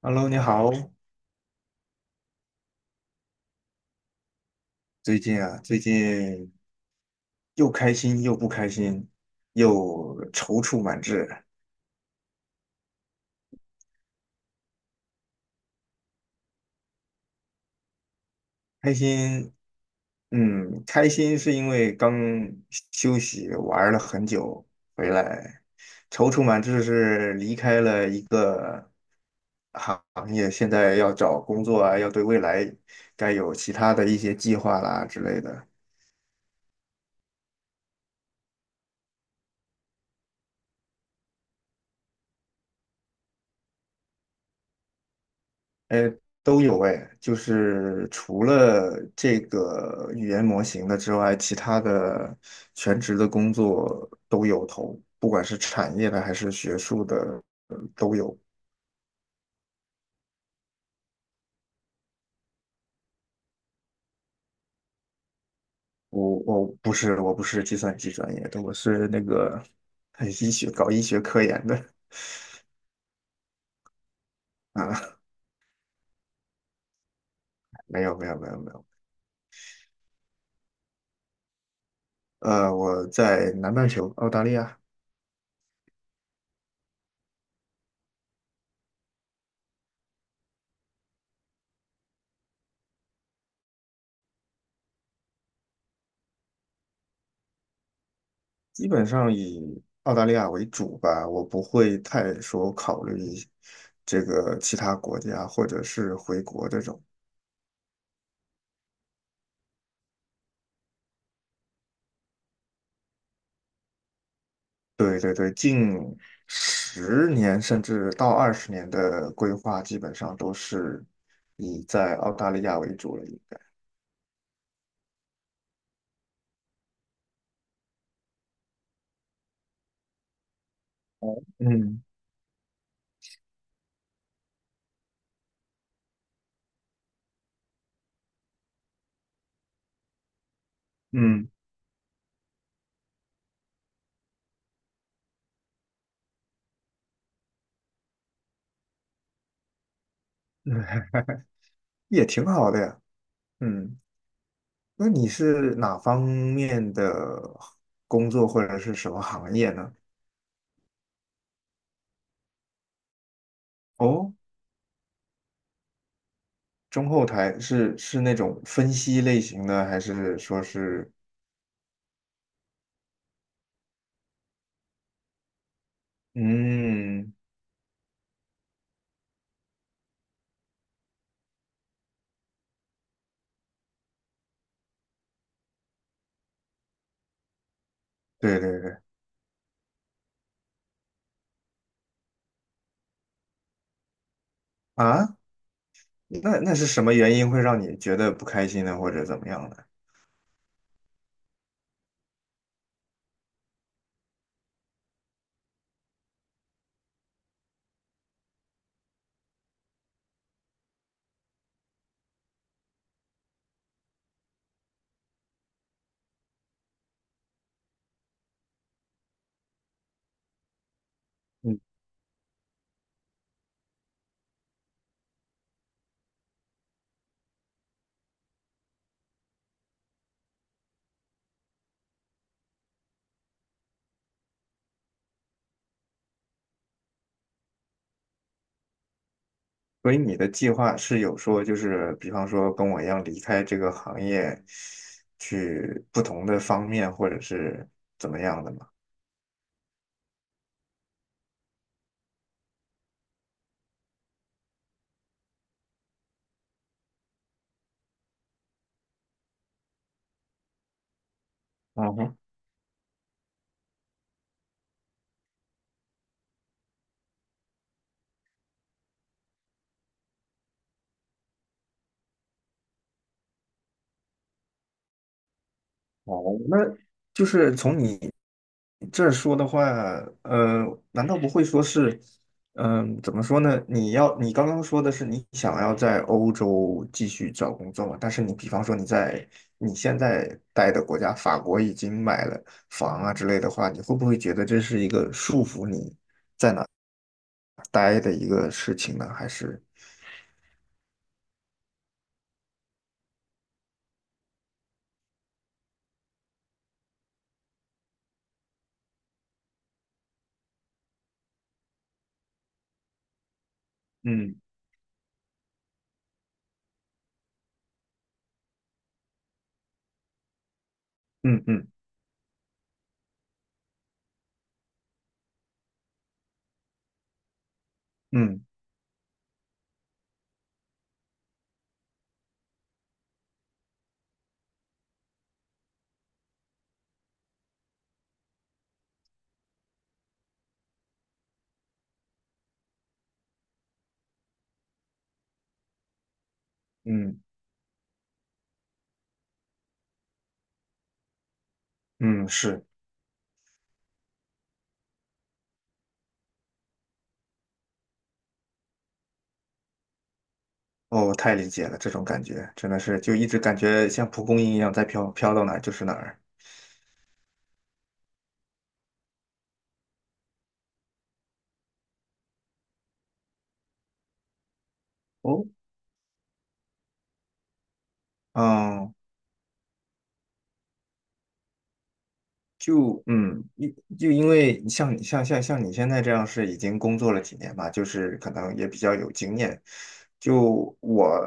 Hello，你好。最近又开心又不开心，又踌躇满志。开心，开心是因为刚休息玩了很久回来，踌躇满志是离开了一个行业，现在要找工作啊，要对未来该有其他的一些计划啦之类的。都有哎，就是除了这个语言模型的之外，其他的全职的工作都有投，不管是产业的还是学术的都有。我不是计算机专业的，我是那个 搞医学科研的啊，没有没有没有没有，我在南半球澳大利亚。基本上以澳大利亚为主吧，我不会太说考虑这个其他国家或者是回国这种。对对对，近十年甚至到20年的规划，基本上都是以在澳大利亚为主了，应该。哦，嗯嗯，嗯也挺好的呀。嗯，那你是哪方面的工作或者是什么行业呢？哦，中后台是那种分析类型的，还是说是嗯，对对对啊？那是什么原因会让你觉得不开心呢，或者怎么样的？嗯，所以你的计划是有说，就是比方说跟我一样离开这个行业，去不同的方面，或者是怎么样的吗？嗯哼。哦，那就是从你这儿说的话，呃，难道不会说是，怎么说呢？你刚刚说的是你想要在欧洲继续找工作嘛？但是你比方说你现在待的国家法国已经买了房啊之类的话，你会不会觉得这是一个束缚你待的一个事情呢？还是嗯嗯嗯嗯嗯嗯，是。哦，我太理解了，这种感觉真的是就一直感觉像蒲公英一样在飘，飘到哪儿就是哪儿。哦，嗯，就嗯，因就因为像你现在这样是已经工作了几年嘛，就是可能也比较有经验。就我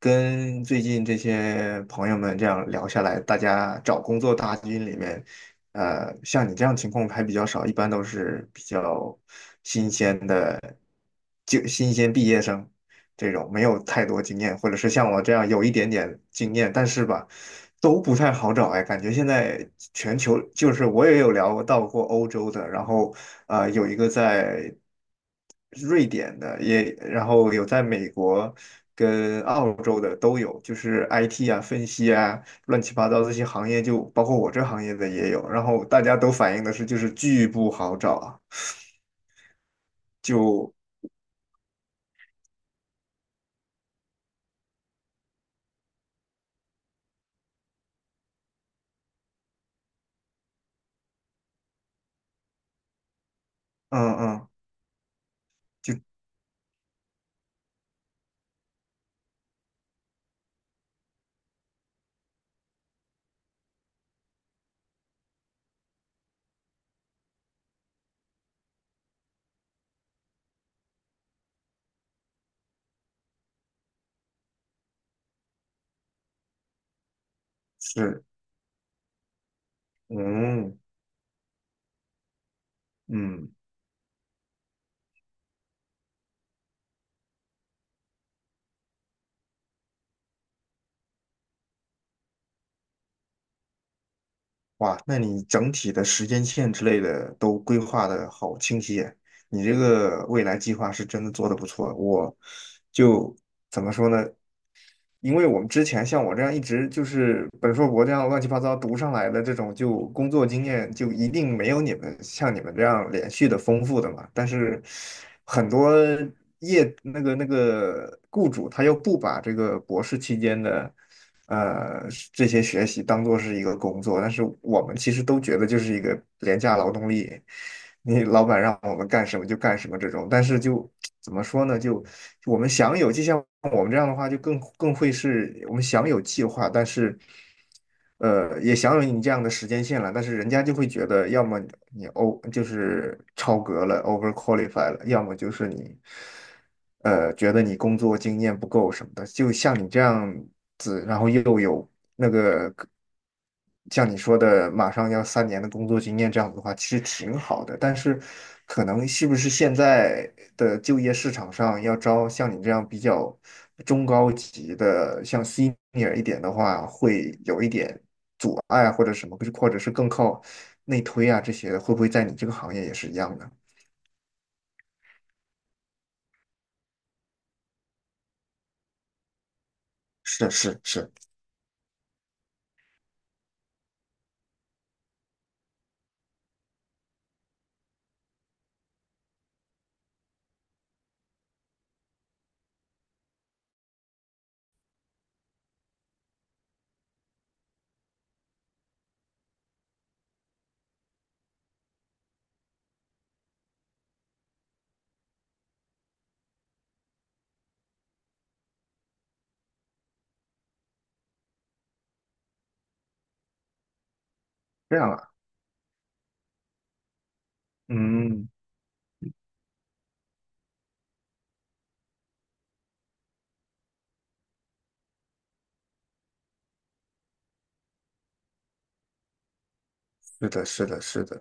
跟最近这些朋友们这样聊下来，大家找工作大军里面，像你这样情况还比较少，一般都是比较新鲜的，就新鲜毕业生。这种没有太多经验，或者是像我这样有一点点经验，但是吧，都不太好找哎。感觉现在全球就是我也有聊到过欧洲的，然后有一个在瑞典的，也然后有在美国跟澳洲的都有，就是 IT 啊、分析啊、乱七八糟这些行业就，包括我这行业的也有，然后大家都反映的是就是巨不好找啊。就嗯嗯就是嗯嗯。哇，那你整体的时间线之类的都规划的好清晰耶。你这个未来计划是真的做的不错。我就怎么说呢？因为我们之前像我这样一直就是本硕博这样乱七八糟读上来的这种，就工作经验就一定没有像你们这样连续的丰富的嘛。但是很多那个雇主他又不把这个博士期间的。呃这些学习当做是一个工作，但是我们其实都觉得就是一个廉价劳动力，你老板让我们干什么就干什么这种，但是就怎么说呢？就我们享有，就像我们这样的话，就更会是我们享有计划，但是。也享有你这样的时间线了，但是人家就会觉得，要么你 就是超格了，over qualify 了，要么就是你，觉得你工作经验不够什么的，就像你这样子，然后又有那个像你说的马上要3年的工作经验这样子的话，其实挺好的。但是，可能是不是现在的就业市场上要招像你这样比较中高级的，像 senior 一点的话，会有一点阻碍或者什么，或者是更靠内推啊这些的，会不会在你这个行业也是一样的？是是是，这样啊，嗯，是的，是的，是的，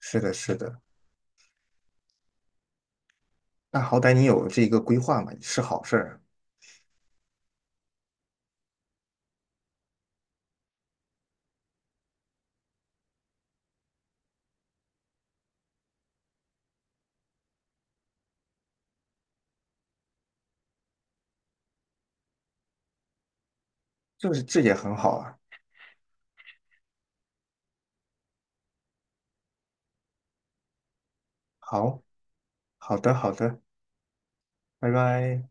是的，是的。那好歹你有这一个规划嘛，是好事儿啊，这也很好啊。好，好的，好的，拜拜。